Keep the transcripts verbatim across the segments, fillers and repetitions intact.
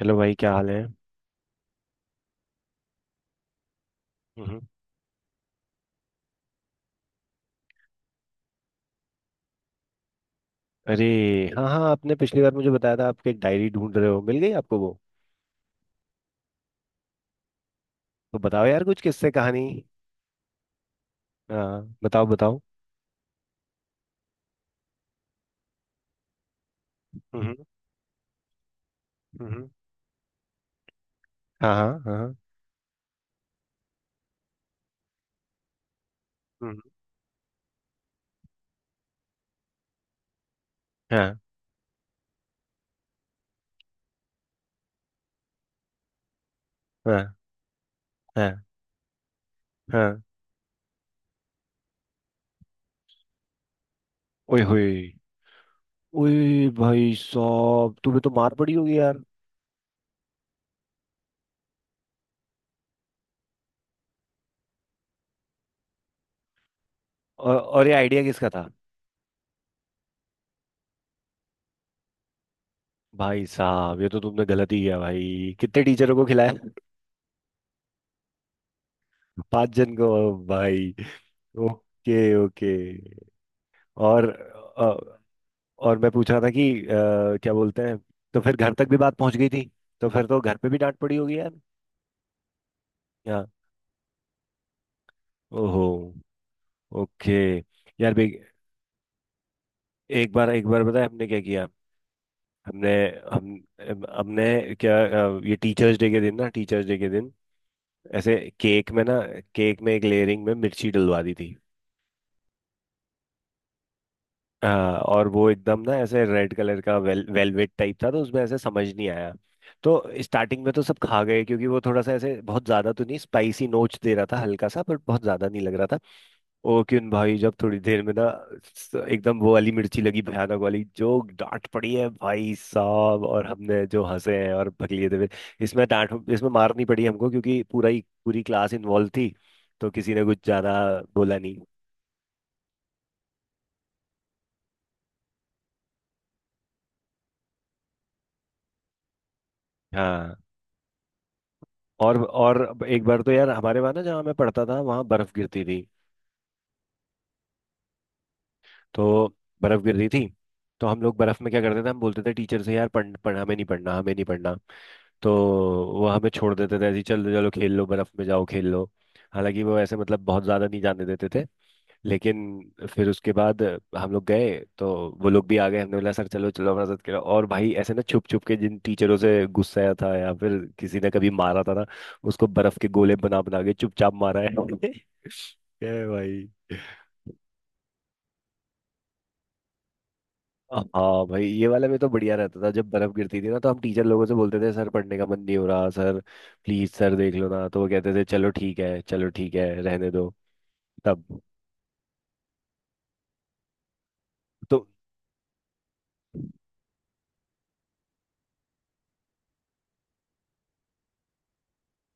Hello भाई, क्या हाल है? हम्म। अरे, हाँ हाँ, आपने पिछली बार मुझे बताया था आपकी एक डायरी ढूंढ रहे हो, मिल गई आपको वो? तो बताओ यार, कुछ किस्से कहानी। हाँ बताओ बताओ। हम्म। हम्म। हाँ हाँ हाँ हाँ। हम्म। हाँ हाँ हाँ हाँ। ओए होए, ओए भाई साहब तुम्हें तो मार पड़ी होगी यार। और, और ये आइडिया किसका था? भाई साहब, ये तो तुमने गलत ही किया भाई। कितने टीचरों को खिलाया? पांच जन को? भाई, ओके ओके। और और मैं पूछ रहा था कि अ, क्या बोलते हैं, तो फिर घर तक भी बात पहुंच गई थी? तो फिर तो घर पे भी डांट पड़ी होगी यार। यार। ओहो, ओके। यार भी, एक बार एक बार बताए हमने क्या किया। हमने, हम हम- हमने क्या? अ, ये टीचर्स डे के दिन ना, टीचर्स डे के दिन, ऐसे केक में ना, केक में एक लेयरिंग में मिर्ची डलवा दी थी। हाँ, और वो एकदम ना ऐसे रेड कलर का वेल वेलवेट टाइप था, तो उसमें ऐसे समझ नहीं आया। तो स्टार्टिंग में तो सब खा गए, क्योंकि वो थोड़ा सा ऐसे बहुत ज्यादा तो नहीं स्पाइसी नोच दे रहा था, हल्का सा, बट बहुत ज्यादा नहीं लग रहा था। ओ क्यों भाई, जब थोड़ी देर में ना, स- एकदम वो वाली मिर्ची लगी, भयानक वाली। जो डांट पड़ी है भाई साहब, और हमने जो हंसे हैं और बकलिए थे। इसमें डांट इसमें मार नहीं पड़ी हमको, क्योंकि पूरा ही पूरी क्लास इन्वॉल्व थी, तो किसी ने कुछ ज्यादा बोला नहीं। हाँ। और और एक बार तो यार हमारे वहाँ ना, जहाँ मैं पढ़ता था, वहाँ बर्फ गिरती थी। तो बर्फ गिर रही थी, तो हम लोग बर्फ में क्या करते थे, हम बोलते थे टीचर से यार, पढ़ पढ़, हमें नहीं पढ़ना, हमें नहीं पढ़ना। तो वो हमें छोड़ देते थे ऐसे ही, चलो चलो खेल लो, बर्फ में जाओ खेल लो। हालांकि वो ऐसे मतलब बहुत ज्यादा नहीं जाने देते थे, लेकिन फिर उसके बाद हम लोग गए, तो वो लोग भी आ गए। हमने बोला सर चलो चलो हमारे साथ खेलो, और भाई ऐसे ना छुप छुप के जिन टीचरों से गुस्साया था या फिर किसी ने कभी मारा था ना, उसको बर्फ के गोले बना बना के चुपचाप मारा है। ए भाई, हाँ भाई, ये वाला में तो बढ़िया रहता था, जब बर्फ गिरती थी ना, तो हम टीचर लोगों से बोलते थे सर पढ़ने का मन नहीं हो रहा सर, प्लीज सर देख लो ना, तो वो कहते थे चलो ठीक है, चलो ठीक है रहने दो। तब। तो।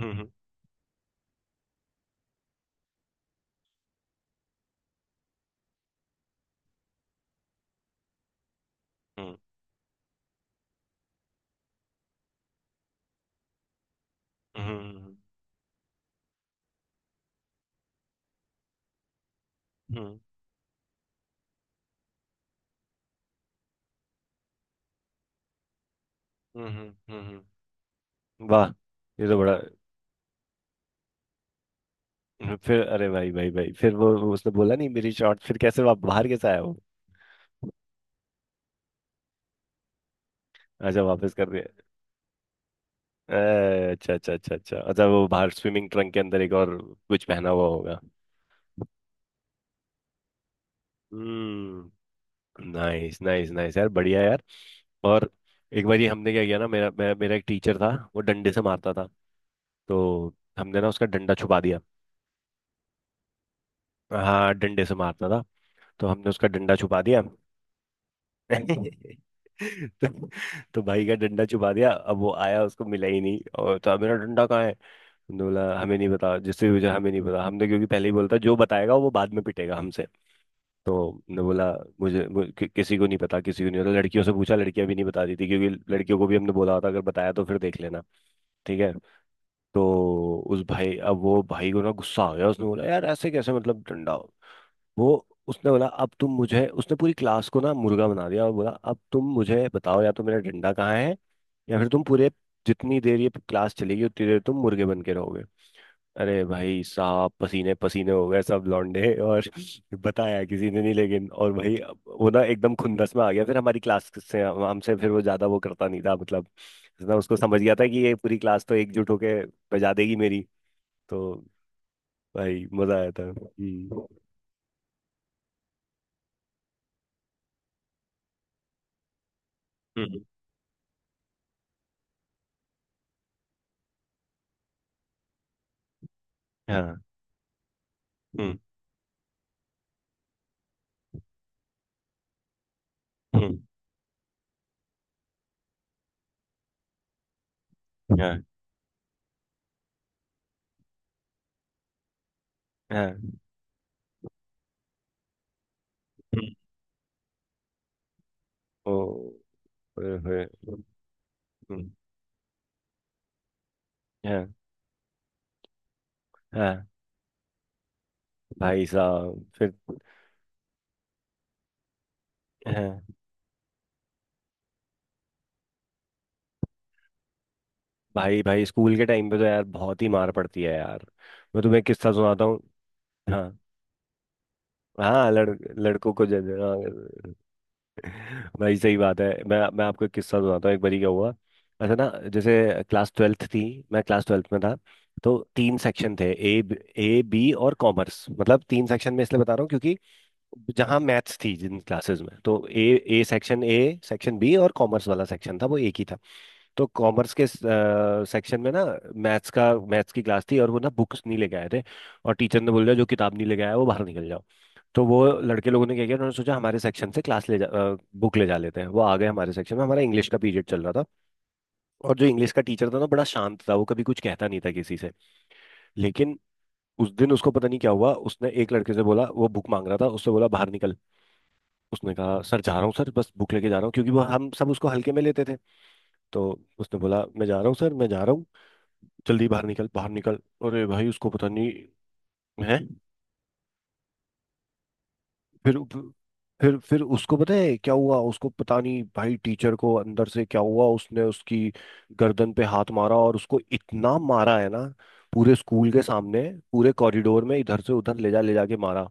हम्म। हम्म। हम्म। हम्म। हम्म। हम्म। हम्म। हम्म, हम्म, वाह, ये तो बड़ा। फिर अरे भाई भाई भाई, फिर वो वो उसने बोला नहीं मेरी शॉर्ट, फिर कैसे वा, बाहर कैसे आया वो? अच्छा, वापस कर दिया। अ, अच्छा अच्छा अच्छा अच्छा अच्छा, वो बाहर स्विमिंग ट्रंक के अंदर एक और कुछ पहना हुआ होगा। हम्म। नाइस नाइस नाइस, यार बढ़िया यार। और एक बार ये हमने क्या किया ना, मेरा मेरा मेरा एक टीचर था। वो डंडे से मारता था, तो हमने ना उसका डंडा छुपा दिया। हाँ डंडे से मारता था, तो हमने उसका डंडा छुपा दिया। तो, तो भाई का डंडा छुपा दिया। अब वो आया, उसको मिला ही नहीं। और, तो मेरा डंडा कहाँ है? हमने बोला हमें नहीं पता, जिससे वजह हमें नहीं पता हमने, क्योंकि पहले ही बोलता जो बताएगा वो बाद में पिटेगा हमसे। तो हमने बोला मुझे मु- कि, किसी को नहीं पता, किसी को नहीं पता। लड़कियों से पूछा, लड़कियां भी नहीं बताती थी, क्योंकि लड़कियों को भी हमने बोला था अगर बताया तो फिर देख लेना। ठीक है। तो उस भाई अब वो भाई को ना गुस्सा आ गया, उसने बोला यार ऐसे कैसे मतलब डंडा? वो उसने बोला अब तुम मुझे, उसने पूरी क्लास को ना मुर्गा बना दिया, और बोला अब तुम मुझे बताओ या तो मेरा डंडा कहाँ है, या फिर तुम पूरे जितनी देर ये क्लास चलेगी उतनी देर तुम मुर्गे बन के रहोगे। अरे भाई साहब, पसीने पसीने हो गए सब लौंडे। और बताया किसी ने नहीं। लेकिन और भाई, अब वो ना एकदम खुंदस में आ गया, फिर हमारी क्लास से, हम- हमसे फिर वो ज्यादा वो करता नहीं था मतलब, ना उसको समझ गया था कि ये पूरी क्लास तो एकजुट होके बजा देगी मेरी। तो भाई मजा आया था। हम्म। हम्म, हाँ। हम्म। हम्म। हाँ हाँ। ओ, ओए, होए, हम्म, हाँ। हाँ भाई साहब, फिर। हाँ। भाई भाई, स्कूल के टाइम पे तो यार बहुत ही मार पड़ती है यार। मैं तुम्हें किस्सा सुनाता हूँ। हाँ हाँ। लड़ लड़कों को जज, हाँ। भाई सही बात है, मैं मैं आपको एक किस्सा सुनाता हूँ एक बारी क्या हुआ। ऐसा ना, जैसे क्लास ट्वेल्थ थी, मैं क्लास ट्वेल्थ में था। तो तीन सेक्शन थे, ए, ए बी और कॉमर्स। मतलब तीन सेक्शन में इसलिए बता रहा हूँ, क्योंकि जहाँ मैथ्स थी जिन क्लासेस में, तो A, A section, A section B और कॉमर्स वाला सेक्शन था वो एक ही था। तो कॉमर्स के सेक्शन में ना, मैथ्स का मैथ्स की क्लास थी, और वो ना बुक्स नहीं लेके आए थे। और टीचर ने बोल दिया जो किताब नहीं लेके आया वो बाहर निकल जाओ। तो वो लड़के लोगों ने क्या किया, उन्होंने सोचा हमारे सेक्शन से क्लास ले जा बुक ले जा लेते हैं। वो आ गए हमारे सेक्शन में, हमारा इंग्लिश का पीरियड चल रहा था। और जो इंग्लिश का टीचर था ना, बड़ा शांत था, वो कभी कुछ कहता नहीं था किसी से। लेकिन उस दिन उसको पता नहीं क्या हुआ, उसने एक लड़के से बोला, वो बुक मांग रहा था उससे, बोला बाहर निकल। उसने कहा सर जा रहा हूँ सर, बस बुक लेके जा रहा हूँ, क्योंकि वो हम सब उसको हल्के में लेते थे। तो उसने बोला मैं जा रहा हूँ सर, मैं जा रहा हूँ। जल्दी बाहर निकल बाहर निकल। अरे भाई, उसको पता नहीं है। फिर फिर फिर उसको पता है क्या हुआ? उसको पता नहीं भाई टीचर को अंदर से क्या हुआ, उसने उसकी गर्दन पे हाथ मारा, और उसको इतना मारा है ना, पूरे स्कूल के सामने, पूरे कॉरिडोर में इधर से उधर ले जा ले जा के मारा।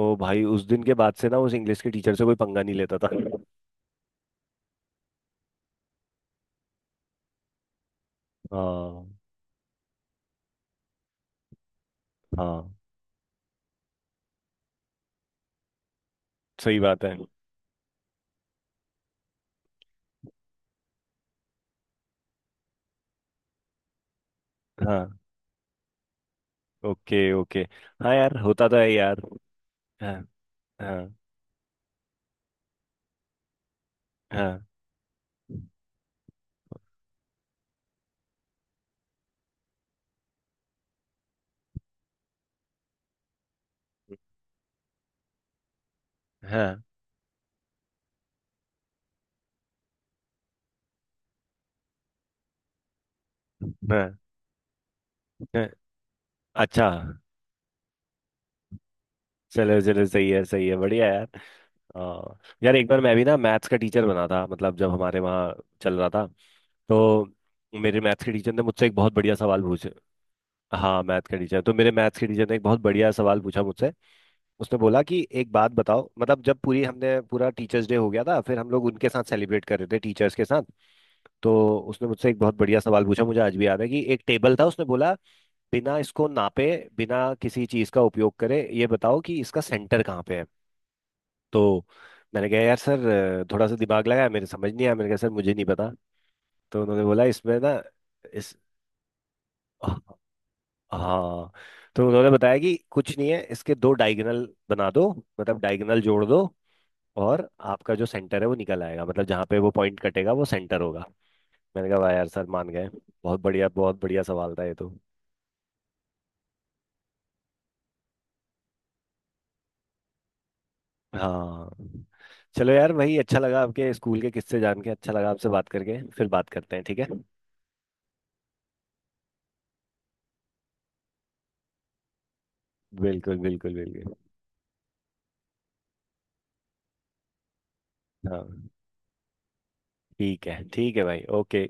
ओ भाई, उस दिन के बाद से ना, उस इंग्लिश के टीचर से कोई पंगा नहीं लेता था। हाँ। हाँ, सही बात है। हाँ, ओके ओके। हाँ यार, होता तो है यार। हाँ हाँ। हाँ हाँ। हाँ। हाँ। अच्छा। चलो चलो, सही है सही है, बढ़िया यार। आ, यार एक बार मैं भी ना मैथ्स का टीचर बना था, मतलब जब हमारे वहाँ चल रहा था, तो मेरे मैथ्स के टीचर ने मुझसे एक बहुत बढ़िया सवाल पूछे। हाँ मैथ्स का टीचर। तो मेरे मैथ्स के टीचर ने एक बहुत बढ़िया सवाल पूछा मुझसे। उसने बोला कि एक बात बताओ, मतलब जब पूरी हमने पूरा टीचर्स डे हो गया था, फिर हम लोग उनके साथ सेलिब्रेट कर रहे थे टीचर्स के साथ, तो उसने मुझसे एक बहुत बढ़िया सवाल पूछा, मुझे आज भी याद है। कि एक टेबल था, उसने बोला बिना इसको नापे, बिना किसी चीज का उपयोग करे, ये बताओ कि इसका सेंटर कहाँ पे है? तो मैंने कहा यार सर, अ, थोड़ा सा दिमाग लगाया, मेरे समझ नहीं आया, मैंने कहा सर मुझे नहीं पता। तो उन्होंने बोला इसमें ना, इस, हाँ, तो उन्होंने बताया कि कुछ नहीं है, इसके दो डायगोनल बना दो, मतलब डायगोनल जोड़ दो, और आपका जो सेंटर है वो निकल आएगा, मतलब जहाँ पे वो पॉइंट कटेगा वो सेंटर होगा। मैंने कहा वाह यार सर, मान गए। बहुत बढ़िया, बहुत बढ़िया सवाल था ये तो। हाँ। चलो यार भाई, अच्छा लगा आपके स्कूल के किस्से जान के, अच्छा लगा आपसे बात करके, फिर बात करते हैं ठीक है? बिल्कुल बिल्कुल बिल्कुल। हाँ। ठीक है ठीक है भाई, ओके।